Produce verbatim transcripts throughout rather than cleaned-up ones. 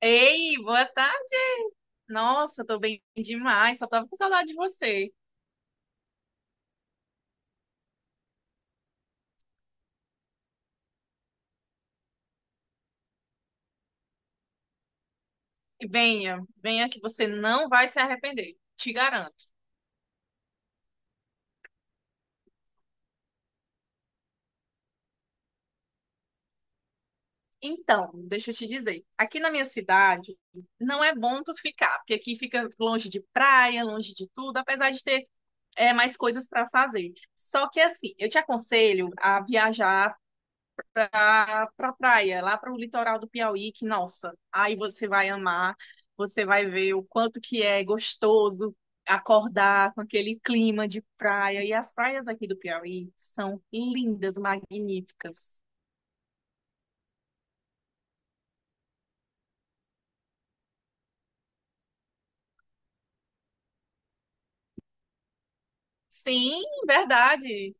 Ei, boa tarde. Nossa, tô bem demais. Só tava com saudade de você. E venha, venha que você não vai se arrepender. Te garanto. Então, deixa eu te dizer. Aqui na minha cidade, não é bom tu ficar, porque aqui fica longe de praia, longe de tudo, apesar de ter é, mais coisas para fazer. Só que assim, eu te aconselho a viajar para pra praia, lá para o litoral do Piauí, que, nossa, aí você vai amar, você vai ver o quanto que é gostoso acordar com aquele clima de praia. E as praias aqui do Piauí são lindas, magníficas. Sim, verdade.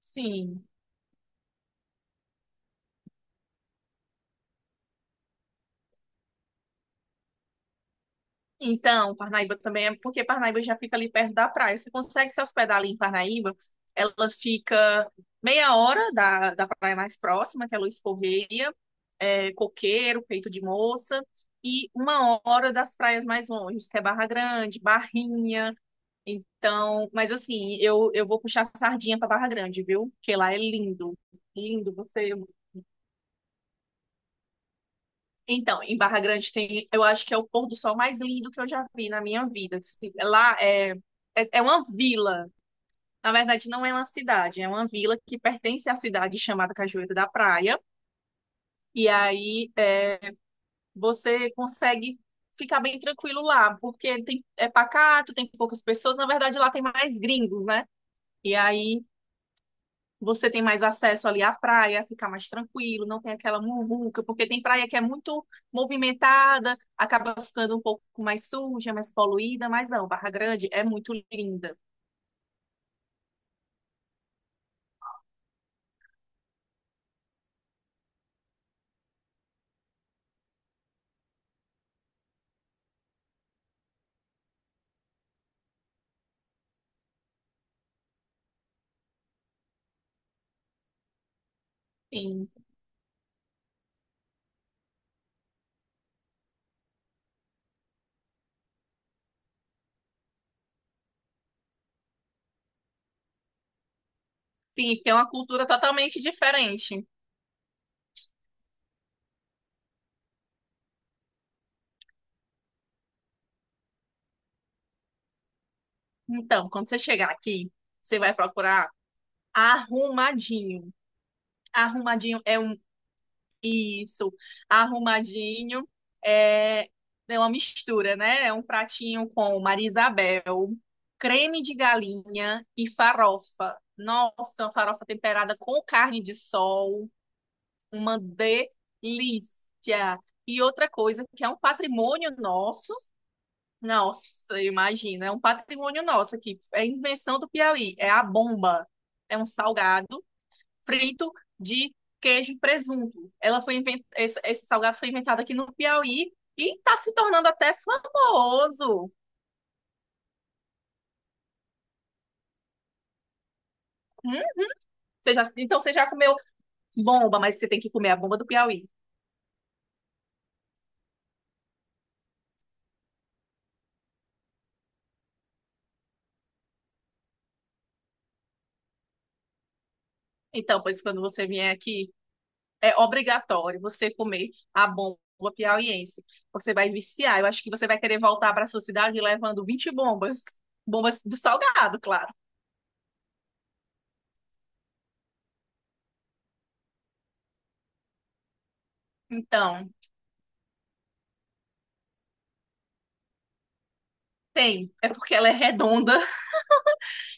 Sim. Então, Parnaíba também é porque Parnaíba já fica ali perto da praia. Você consegue se hospedar ali em Parnaíba? Ela fica meia hora da, da praia mais próxima, que é Luiz Correia, é, Coqueiro, Peito de Moça, e uma hora das praias mais longe, que é Barra Grande, Barrinha. Então, mas assim, eu, eu vou puxar sardinha para Barra Grande, viu? Porque lá é lindo, lindo. Você Então, em Barra Grande tem, eu acho que é o pôr do sol mais lindo que eu já vi na minha vida. Assim, lá é, é, é uma vila. Na verdade, não é uma cidade, é uma vila que pertence à cidade chamada Cajueiro da Praia. E aí é, você consegue ficar bem tranquilo lá, porque tem, é pacato, tem poucas pessoas. Na verdade, lá tem mais gringos, né? E aí, você tem mais acesso ali à praia, fica mais tranquilo, não tem aquela muvuca, porque tem praia que é muito movimentada, acaba ficando um pouco mais suja, mais poluída, mas não, Barra Grande é muito linda. Sim, sim, porque é uma cultura totalmente diferente. Então, quando você chegar aqui, você vai procurar arrumadinho. Arrumadinho é um isso, arrumadinho. É, é uma mistura, né? É um pratinho com Marisabel, creme de galinha e farofa. Nossa, uma farofa temperada com carne de sol, uma delícia. E outra coisa que é um patrimônio nosso. Nossa, imagina, é um patrimônio nosso aqui. É invenção do Piauí, é a bomba. É um salgado frito de queijo e presunto. Ela foi invent... esse, esse salgado foi inventado aqui no Piauí e está se tornando até famoso. Hum? Você já... Então você já comeu bomba, mas você tem que comer a bomba do Piauí. Então, pois quando você vier aqui, é obrigatório você comer a bomba piauiense. Você vai viciar. Eu acho que você vai querer voltar para sua cidade levando vinte bombas. Bombas do salgado, claro. Então, tem. É porque ela é redonda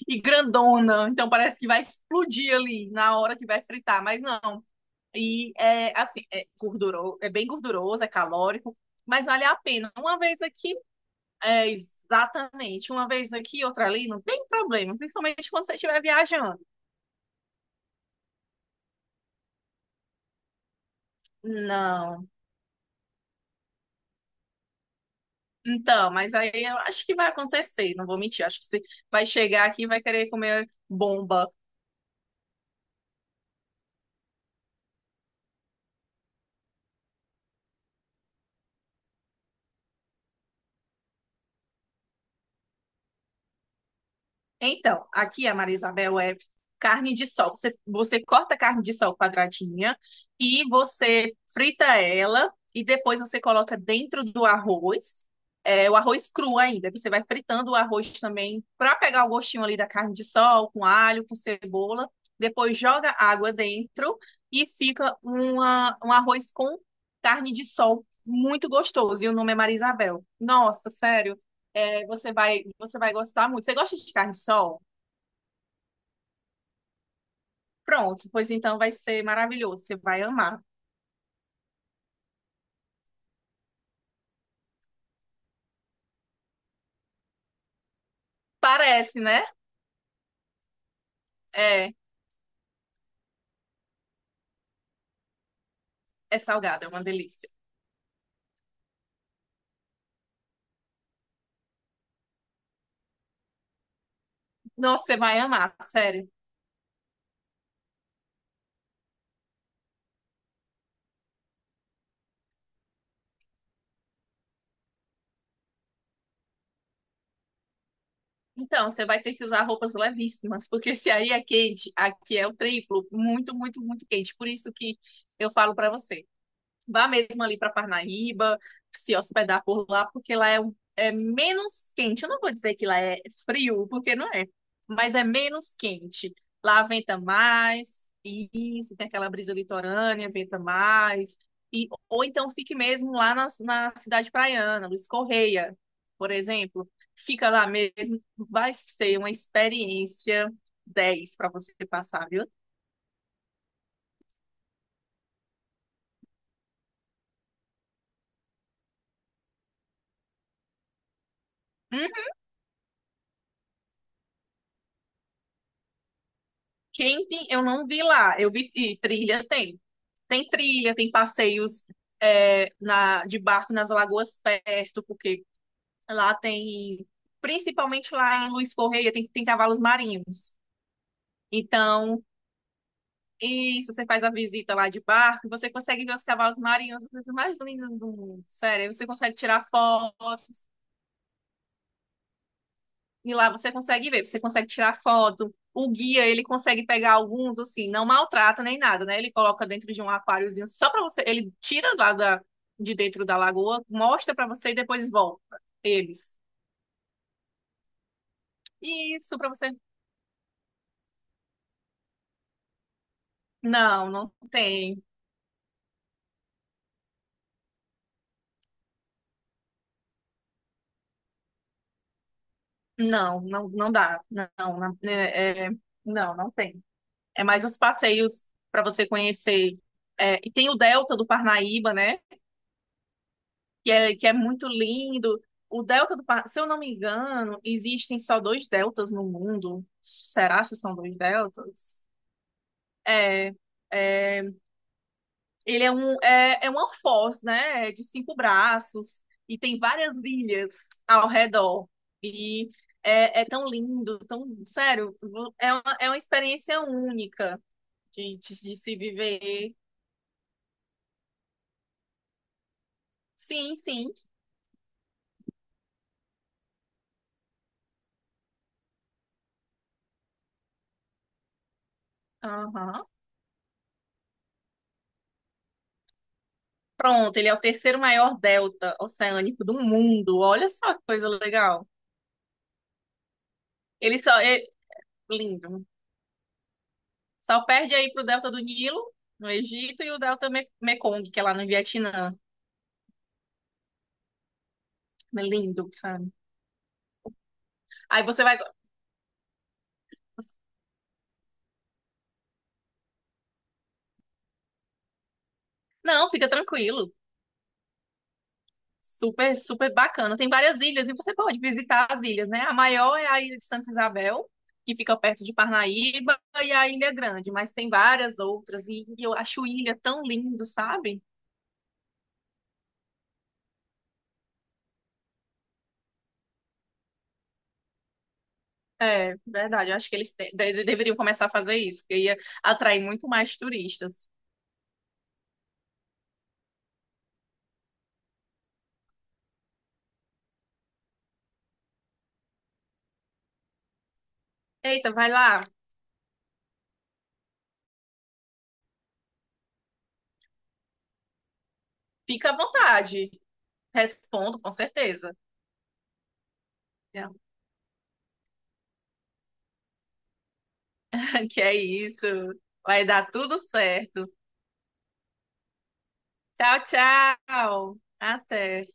e grandona, então parece que vai explodir ali na hora que vai fritar, mas não. E é assim, é gorduroso, é bem gorduroso, é calórico, mas vale a pena. Uma vez aqui, é exatamente, uma vez aqui, outra ali, não tem problema, principalmente quando você estiver viajando. Não. Então, mas aí eu acho que vai acontecer, não vou mentir, acho que você vai chegar aqui e vai querer comer bomba. Então, aqui a Maria Isabel é carne de sol. Você, você corta a carne de sol quadradinha e você frita ela e depois você coloca dentro do arroz, é, o arroz cru ainda. Você vai fritando o arroz também para pegar o gostinho ali da carne de sol, com alho, com cebola. Depois joga água dentro e fica uma, um arroz com carne de sol muito gostoso. E o nome é Maria Isabel. Nossa, sério. É, você vai, você vai gostar muito. Você gosta de carne de sol? Pronto, pois então vai ser maravilhoso. Você vai amar. Parece, né? É, é salgado, é uma delícia. Nossa, você vai amar, sério. Então, você vai ter que usar roupas levíssimas, porque se aí é quente, aqui é o triplo, muito, muito, muito quente. Por isso que eu falo pra você. Vá mesmo ali para Parnaíba, se hospedar por lá, porque lá é, um- é menos quente. Eu não vou dizer que lá é frio, porque não é, mas é menos quente. Lá venta mais, e isso, tem aquela brisa litorânea, venta mais. E, ou então fique mesmo lá na, na cidade praiana, Luiz Correia, por exemplo. Fica lá mesmo, vai ser uma experiência dez para você passar, viu? Camping eu não vi lá, eu vi e trilha tem. Tem trilha, tem passeios é, na, de barco nas lagoas perto, porque lá tem, principalmente lá em Luiz Correia, tem, tem cavalos marinhos. Então, isso, você faz a visita lá de barco, você consegue ver os cavalos marinhos, os mais lindos do mundo, sério. Aí, você consegue tirar fotos. E lá você consegue ver, você consegue tirar foto. O guia, ele consegue pegar alguns, assim, não maltrata nem nada, né? Ele coloca dentro de um aquáriozinho só para você. Ele tira lá da, de dentro da lagoa, mostra para você e depois volta eles. E isso para você. Não, não tem. Não, não, não dá. Não, não, é, é, não, não tem. É mais os passeios para você conhecer. É, e tem o Delta do Parnaíba, né? que é, que é, muito lindo. O delta do, Pa- se eu não me engano, existem só dois deltas no mundo. Será se são dois deltas? É, é, Ele é um é, é uma foz, né? É de cinco braços e tem várias ilhas ao redor. E é, é tão lindo, tão sério. vo- É uma, é uma experiência única de, de, de se viver. Sim, sim. Aham. Pronto, ele é o terceiro maior delta oceânico do mundo. Olha só que coisa legal. Ele só é lindo. Só perde aí pro delta do Nilo, no Egito, e o delta Me- Mekong, que é lá no Vietnã. É lindo, sabe? Aí você vai. Não, fica tranquilo. Super, super bacana. Tem várias ilhas e você pode visitar as ilhas, né? A maior é a ilha de Santa Isabel, que fica perto de Parnaíba, e a Ilha Grande, mas tem várias outras. E eu acho ilha tão lindo, sabe? É, verdade. Eu acho que eles te- de- deveriam começar a fazer isso, que ia atrair muito mais turistas. Eita, vai lá, fica à vontade. Respondo com certeza. Não. Que é isso. Vai dar tudo certo. Tchau, tchau. Até.